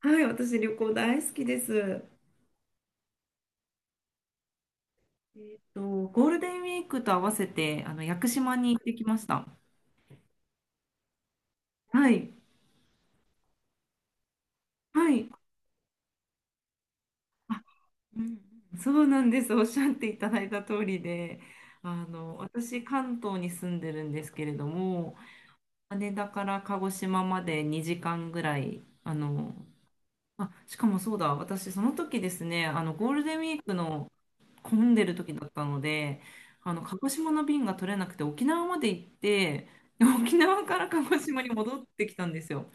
はい、私旅行大好きです。えっと、ゴールデンウィークと合わせて、屋久島に行ってきました。はい、はい。あ、うんうん、そうなんです。おっしゃっていただいた通りで、私、関東に住んでるんですけれども、羽田から鹿児島まで2時間ぐらい、あ、しかもそうだ、私、その時ですね、ゴールデンウィークの混んでる時だったので、鹿児島の便が取れなくて、沖縄まで行って、で沖縄から鹿児島に戻ってきたんですよ。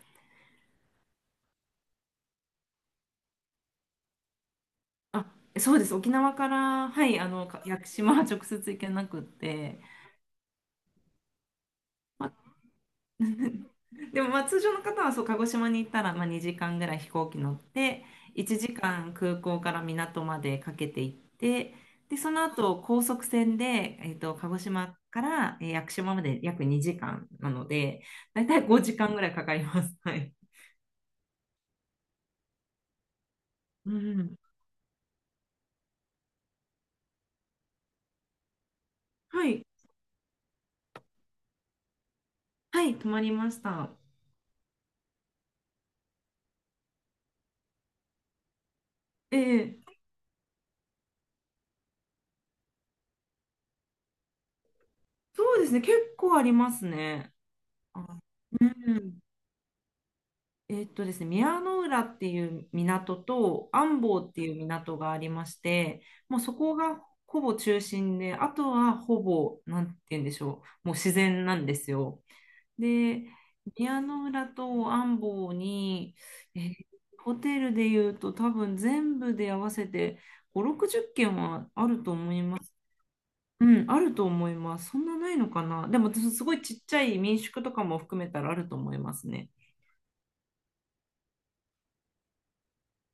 あ、そうです。沖縄から、はい、屋久島は直接行けなくって、まあ、 でも、まあ、通常の方はそう鹿児島に行ったら、まあ、2時間ぐらい飛行機乗って、1時間空港から港までかけて行って、でその後高速船で、鹿児島から屋久島まで約2時間なので、だいたい5時間ぐらいかかります。はい、うん、はい、はい、泊まりました。ええ、そうですね、結構ありますね。あ、うん、ですね、宮の浦っていう港と安房っていう港がありまして、もうそこがほぼ中心で、あとはほぼ、なんて言うんでしょう、もう自然なんですよ。で、宮の浦と安房に、えーホテルで言うと多分全部で合わせて5、60軒はあると思います。うん、あると思います。そんなないのかな。でも、すごいちっちゃい民宿とかも含めたらあると思いますね。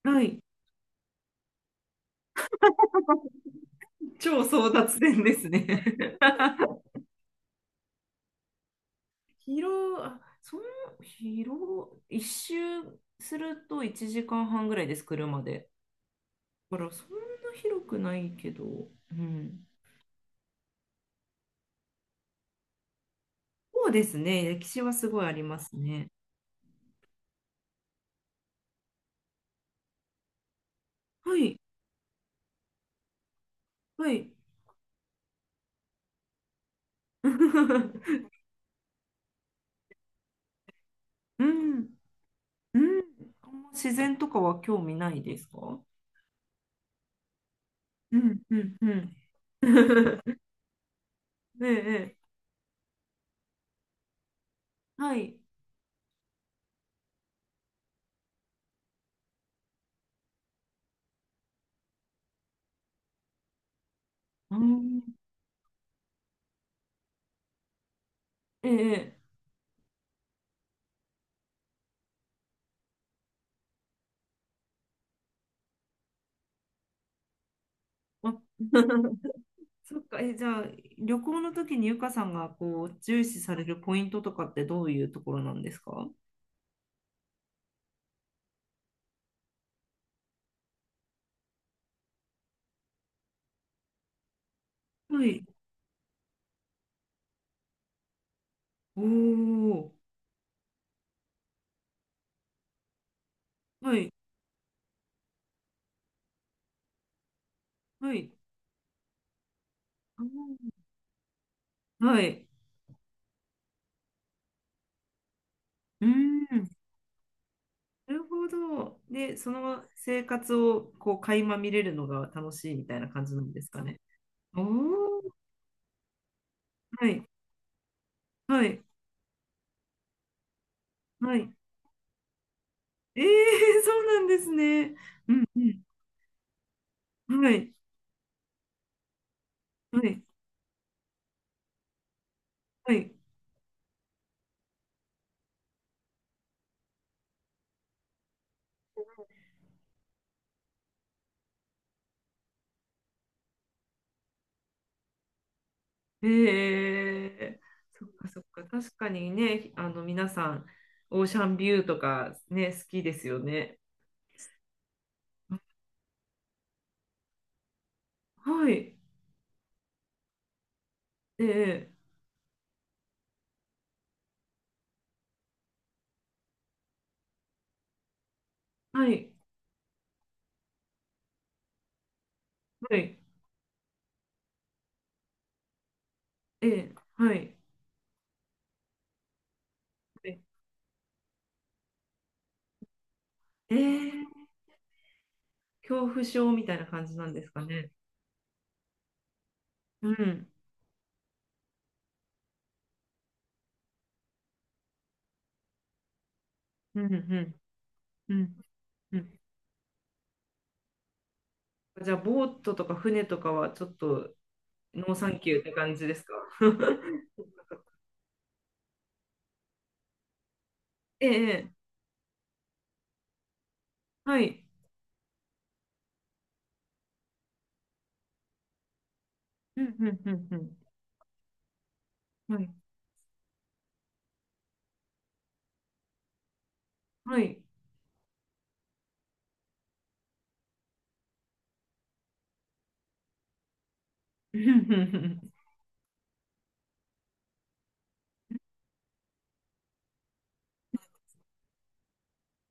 はい。超争奪戦ですね。広、あその、広、一周すると1時間半ぐらいです、車で。だからそんな広くないけど、うん。そうですね、歴史はすごいありますね。はい、はい。うん、うん。自然とかは興味ないですか？うん、うん、うん。ええ、ええ、はい。うん、ええ。あ。 そっか、え、じゃあ、旅行の時にゆかさんがこう重視されるポイントとかってどういうところなんですか？はい。おー。はい。はい。あー、はい。うーん。なるほど。で、その生活をこう垣間見れるのが楽しいみたいな感じなんですかね。おー。はい。はい。はい。えー、そうなんですね。うん。うん。はい。はい。はい。ええ。そっかそっか、確かにね、皆さん、オーシャンビューとかね、好きですよね。はい、ええ、はい、はい、ええ、はい、ええ、ええ。恐怖症みたいな感じなんですかね。うん、うん、うん、うん、うん。じゃあ、ボートとか船とかはちょっとノーサンキューって感じですか？ ええ、はい、うん、うん、うん、うん、はい、はい。うんうん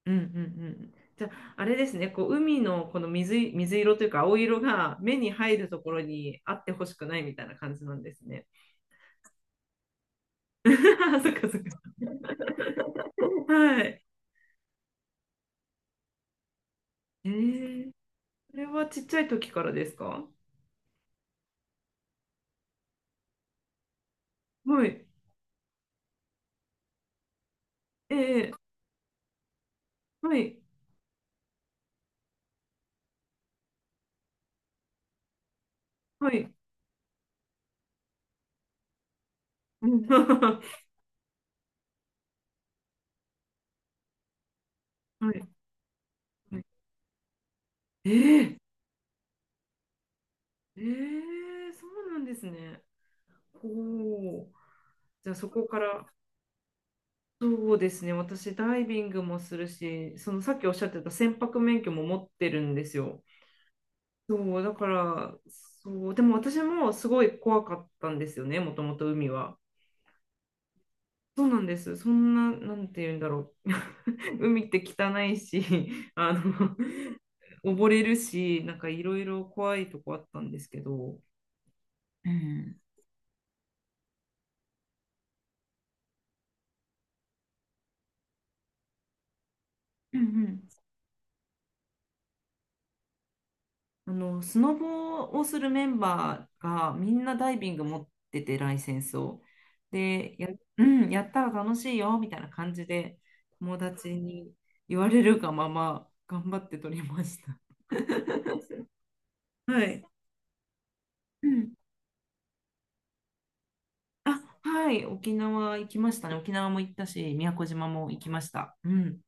うんうんうん。じゃあ、あれですね、こう海のこの水色というか青色が目に入るところにあってほしくないみたいな感じなんですね。そっかそっか。はい。えー、それはちっちゃい時からですか？はい。ええ、はい。はい。うん。 はい。はい。えー、えー、そうなんですね。おお。じゃあそこから。そうですね。私、ダイビングもするし、そのさっきおっしゃってた船舶免許も持ってるんですよ。そう、だから、そう、でも私もすごい怖かったんですよね、もともと海は。そうなんです。そんな、なんて言うんだろう。海って汚いし、あの、溺れるし、なんかいろいろ怖いとこあったんですけど。うん。うんうん、スノボをするメンバーがみんなダイビング持ってて、ライセンスを。で、うん、やったら楽しいよ、みたいな感じで、友達に言われるがまま、頑張って取りました。はい。うん。あ、はい、沖縄行きましたね。沖縄も行ったし、宮古島も行きました。うん。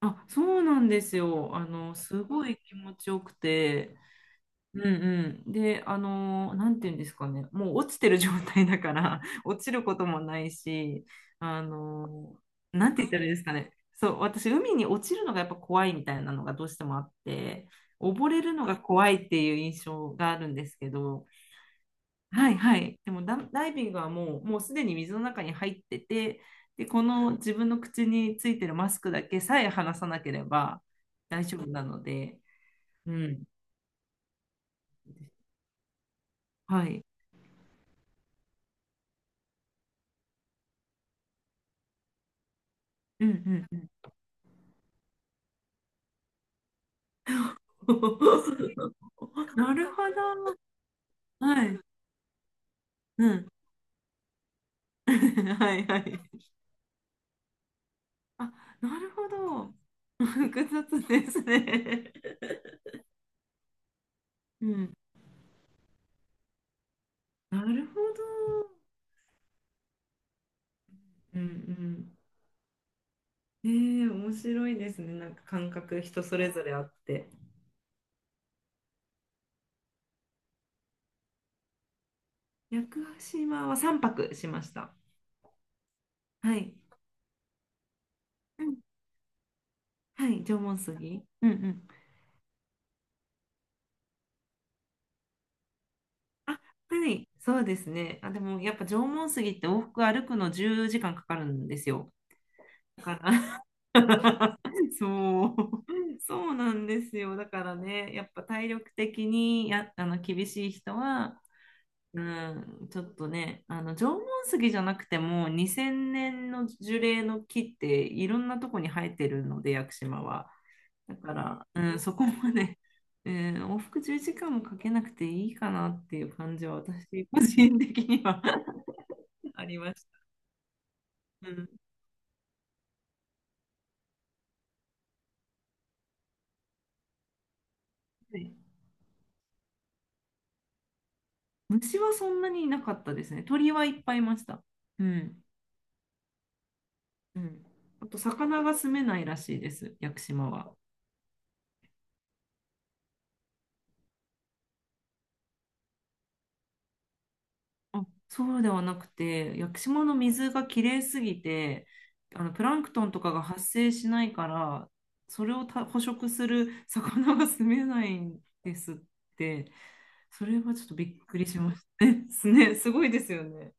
あ、そうなんですよ。すごい気持ちよくて、うんうん。で、なんていうんですかね、もう落ちてる状態だから、落ちることもないし、あのなんて言ったらいいですかね、そう、私、海に落ちるのがやっぱ怖いみたいなのがどうしてもあって、溺れるのが怖いっていう印象があるんですけど、はいはい、でもダイビングはもう、すでに水の中に入ってて、で、この自分の口についてるマスクだけさえ離さなければ大丈夫なので、うん、はい。うんうんうん。 なるほど。はい。うん。はいはい。あ、なるほど。複雑ですね。うん。なるほど。うんうん。ええ、面白いですね。なんか感覚人それぞれあって。屋久島は3泊しました。はい。うん。はい。縄文杉。うんうん。あ、はい。そうですね。あ、でもやっぱ縄文杉って往復歩くの10時間かかるんですよ。だから、 そう、そうなんですよ。だからね、やっぱ体力的にや、あの厳しい人は、うん、ちょっとね、あの縄文杉じゃなくても2000年の樹齢の木っていろんなとこに生えてるので、屋久島は。だから、うん、そこまで、うん、往復10時間もかけなくていいかなっていう感じは私個人的には。 ありました。うん、はい。虫はそんなにいなかったですね。鳥はいっぱいいました。うんうん。あと、魚が住めないらしいです、屋久島は。あ、そうではなくて、屋久島の水がきれいすぎて、プランクトンとかが発生しないから、それを捕食する魚が住めないんですって、それはちょっとびっくりしましたね。すごいですよね。